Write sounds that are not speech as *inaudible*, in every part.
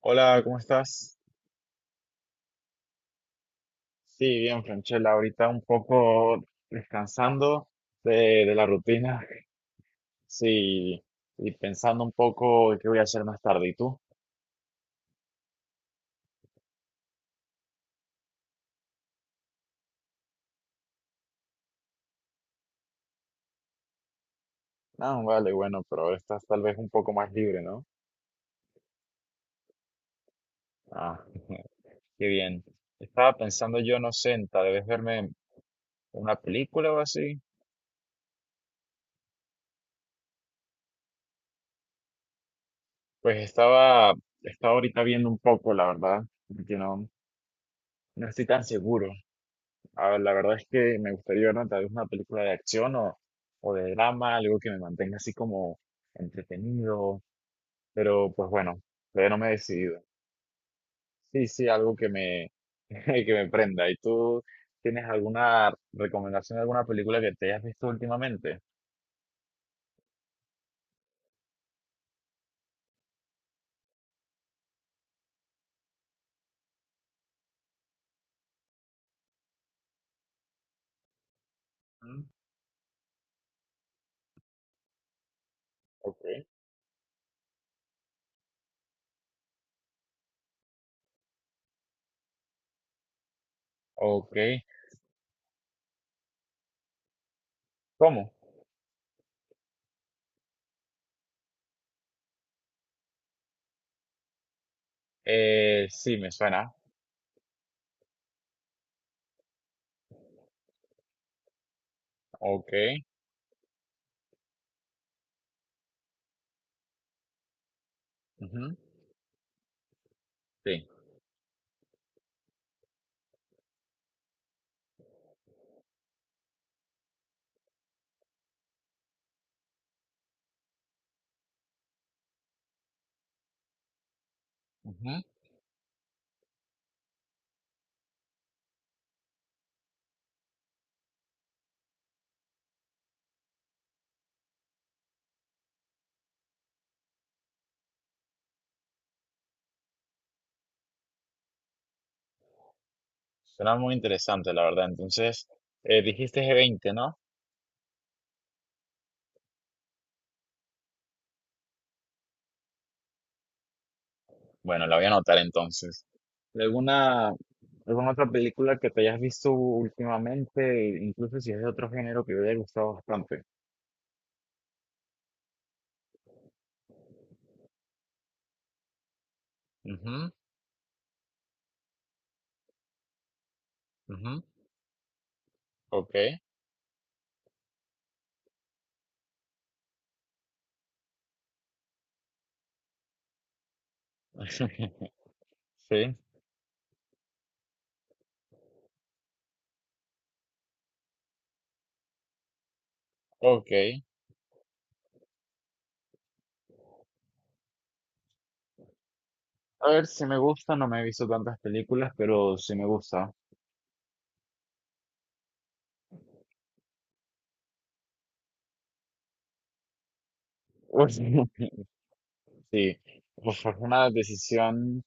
Hola, ¿cómo estás? Sí, bien, Franchella, ahorita un poco descansando de la rutina, sí, y pensando un poco de qué voy a hacer más tarde. ¿Y tú? Ah, vale, bueno, pero ahora estás tal vez un poco más libre, ¿no? Ah, *laughs* qué bien. Estaba pensando yo, no sé, en tal vez verme una película o así. Pues estaba ahorita viendo un poco, la verdad, porque no estoy tan seguro. A ver, la verdad es que me gustaría ver, ¿no?, tal vez una película de acción o de drama, algo que me mantenga así como entretenido, pero pues bueno, todavía no me he decidido. Sí, sí, *laughs* que me prenda. ¿Y tú tienes alguna recomendación de alguna película que te hayas visto últimamente? Mm. Ok, ok. ¿Cómo? Sí, me suena. Ok. Ujú. Sí. Ujú. Suena muy interesante, la verdad. Entonces, dijiste G20, ¿no? Bueno, la voy a anotar entonces. ¿Alguna, alguna otra película que te hayas visto últimamente, incluso si es de otro género que te haya gustado bastante? Ujú, ujú. Ok. *laughs* Sí, ok. A ver, si me gusta, no me he visto tantas películas, pero sí me gusta. Pues, *laughs* sí, pues fue una decisión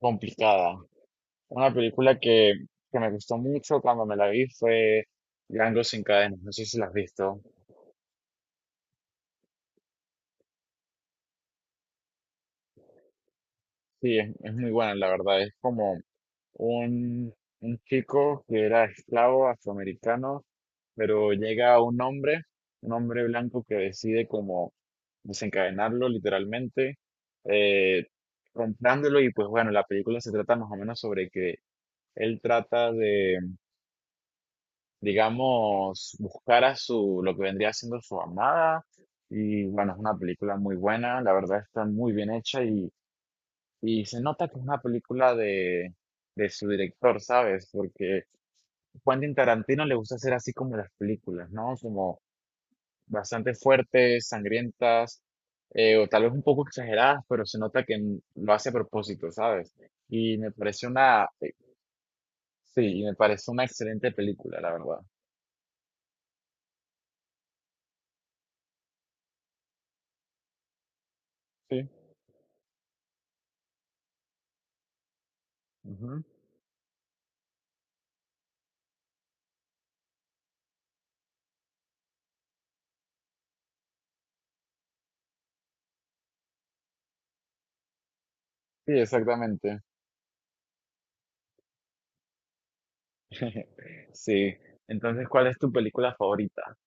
complicada. Una película que, que me gustó mucho cuando me la vi fue Django sin cadenas. No sé si la has visto. Sí, es muy buena, la verdad. Es como un, un chico que era esclavo afroamericano, pero llega un hombre blanco que decide como desencadenarlo literalmente, eh, comprándolo, y pues bueno, la película se trata más o menos sobre que él trata de, digamos, buscar a su, lo que vendría siendo su amada. Y bueno, es una película muy buena, la verdad, está muy bien hecha, y se nota que es una película de su director, ¿sabes? Porque Quentin Tarantino le gusta hacer así como las películas, ¿no? Como bastante fuertes, sangrientas, o tal vez un poco exageradas, pero se nota que lo hace a propósito, ¿sabes? Y me parece una, eh, sí, y me parece una excelente película, la verdad. Sí, ujú. Sí, exactamente. *laughs* Sí. Entonces, ¿cuál es tu película favorita?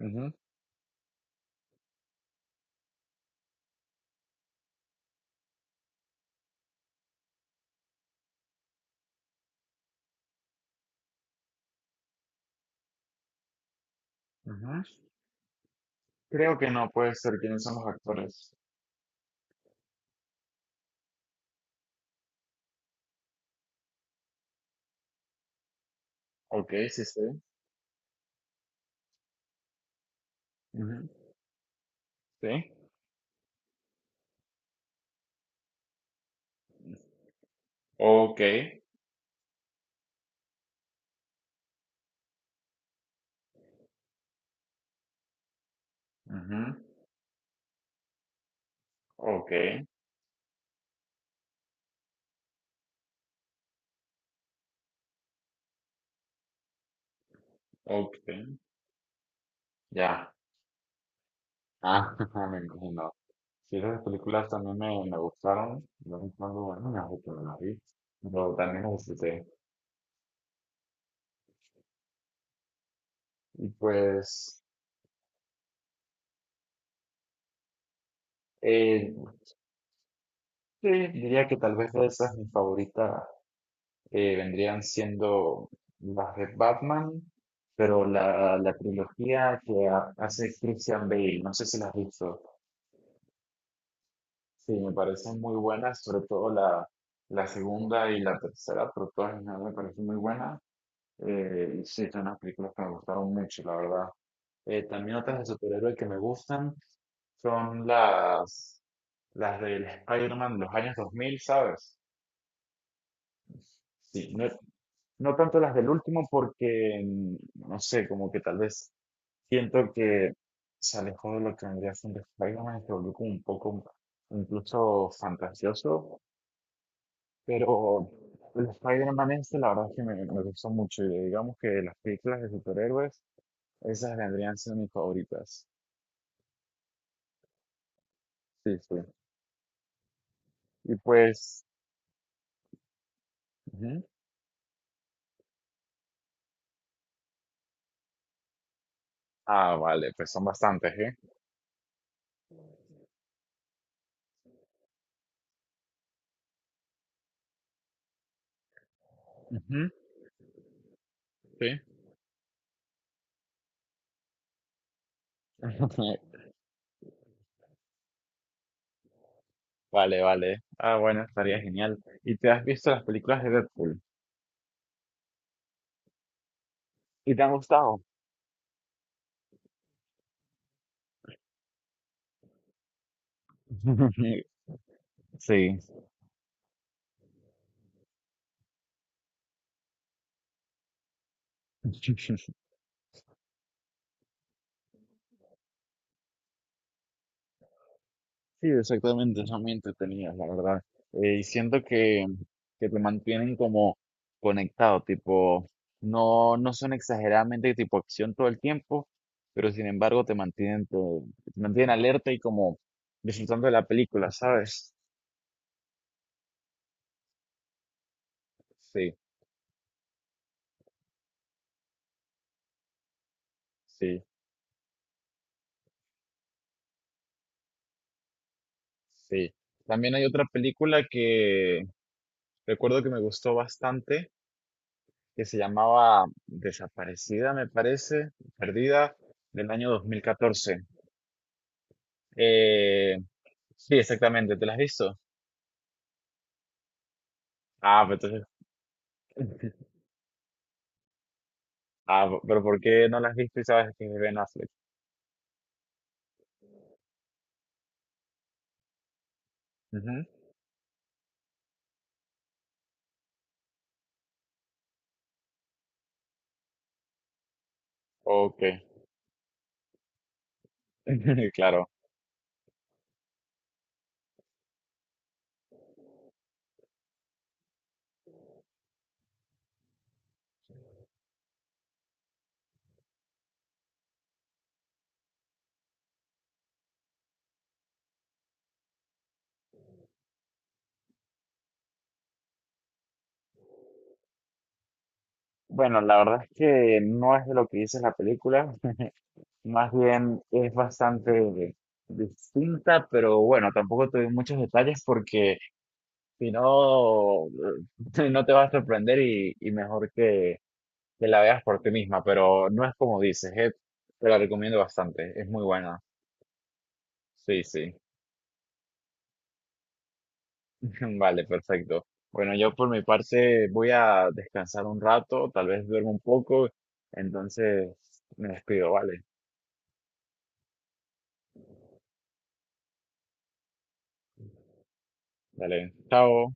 Ujú, ujú. Creo que no, puede ser, ¿quiénes son los actores? Ok, sí, sí. Ujú, sí. Ok. Ujú, ok. Ok. Ya. Ah, *laughs* me imagino. Sí, esas películas también me gustaron. De vez en cuando, bueno, me hago que me las vi. Pero también las disfruté. Y pues, eh, sí, diría que tal vez de esas mi favorita vendrían siendo las de Batman, pero la trilogía que hace Christian Bale. No sé si las has visto. Sí, me parecen muy buenas, sobre todo la segunda y la tercera, pero todas en general me parecen muy buenas. Y sí, son unas películas que me gustaron mucho, la verdad. También otras de superhéroes que me gustan son las del Spider-Man de los años 2000, ¿sabes? Sí, no, no tanto las del último porque, no sé, como que tal vez siento que se alejó de lo que vendría siendo Spider-Man y se volvió como un poco incluso fantasioso. Pero el Spider-Man este, la verdad es que me gustó mucho. Y digamos que las películas de superhéroes, esas vendrían siendo mis favoritas. Sí, sí. Y pues. Ujú. Ah, vale, pues son bastantes, ¿eh? Ujú, sí. *laughs* Vale, vale. Ah, bueno, estaría genial. ¿Y te has visto las películas de Deadpool? ¿Y te han gustado? *laughs* Sí. *laughs* Sí, exactamente, son muy entretenidas, la verdad. Y siento que te mantienen como conectado, tipo, no, no son exageradamente tipo acción todo el tiempo, pero sin embargo te mantienen, te mantienen alerta y como disfrutando de la película, ¿sabes? Sí, sí, sí. También hay otra película que recuerdo que me gustó bastante, que se llamaba Desaparecida, me parece, Perdida, del año 2014. Eh, Sí, exactamente, ¿te las has visto? Ah, pero entonces, ah, pero ¿por qué no las has visto y sabes que es de Ben Affleck? Ujú. Ok, *laughs* claro. Bueno, la verdad es que no es de lo que dice la película. *laughs* Más bien es bastante distinta, pero bueno, tampoco te doy muchos detalles porque si no, *laughs* no te va a sorprender, y mejor que la veas por ti misma, pero no es como dices. Eh, te la recomiendo bastante, es muy buena. Sí, sí. *laughs* Vale, perfecto. Bueno, yo por mi parte voy a descansar un rato, tal vez duermo un poco, entonces me despido, vale. Dale, chao.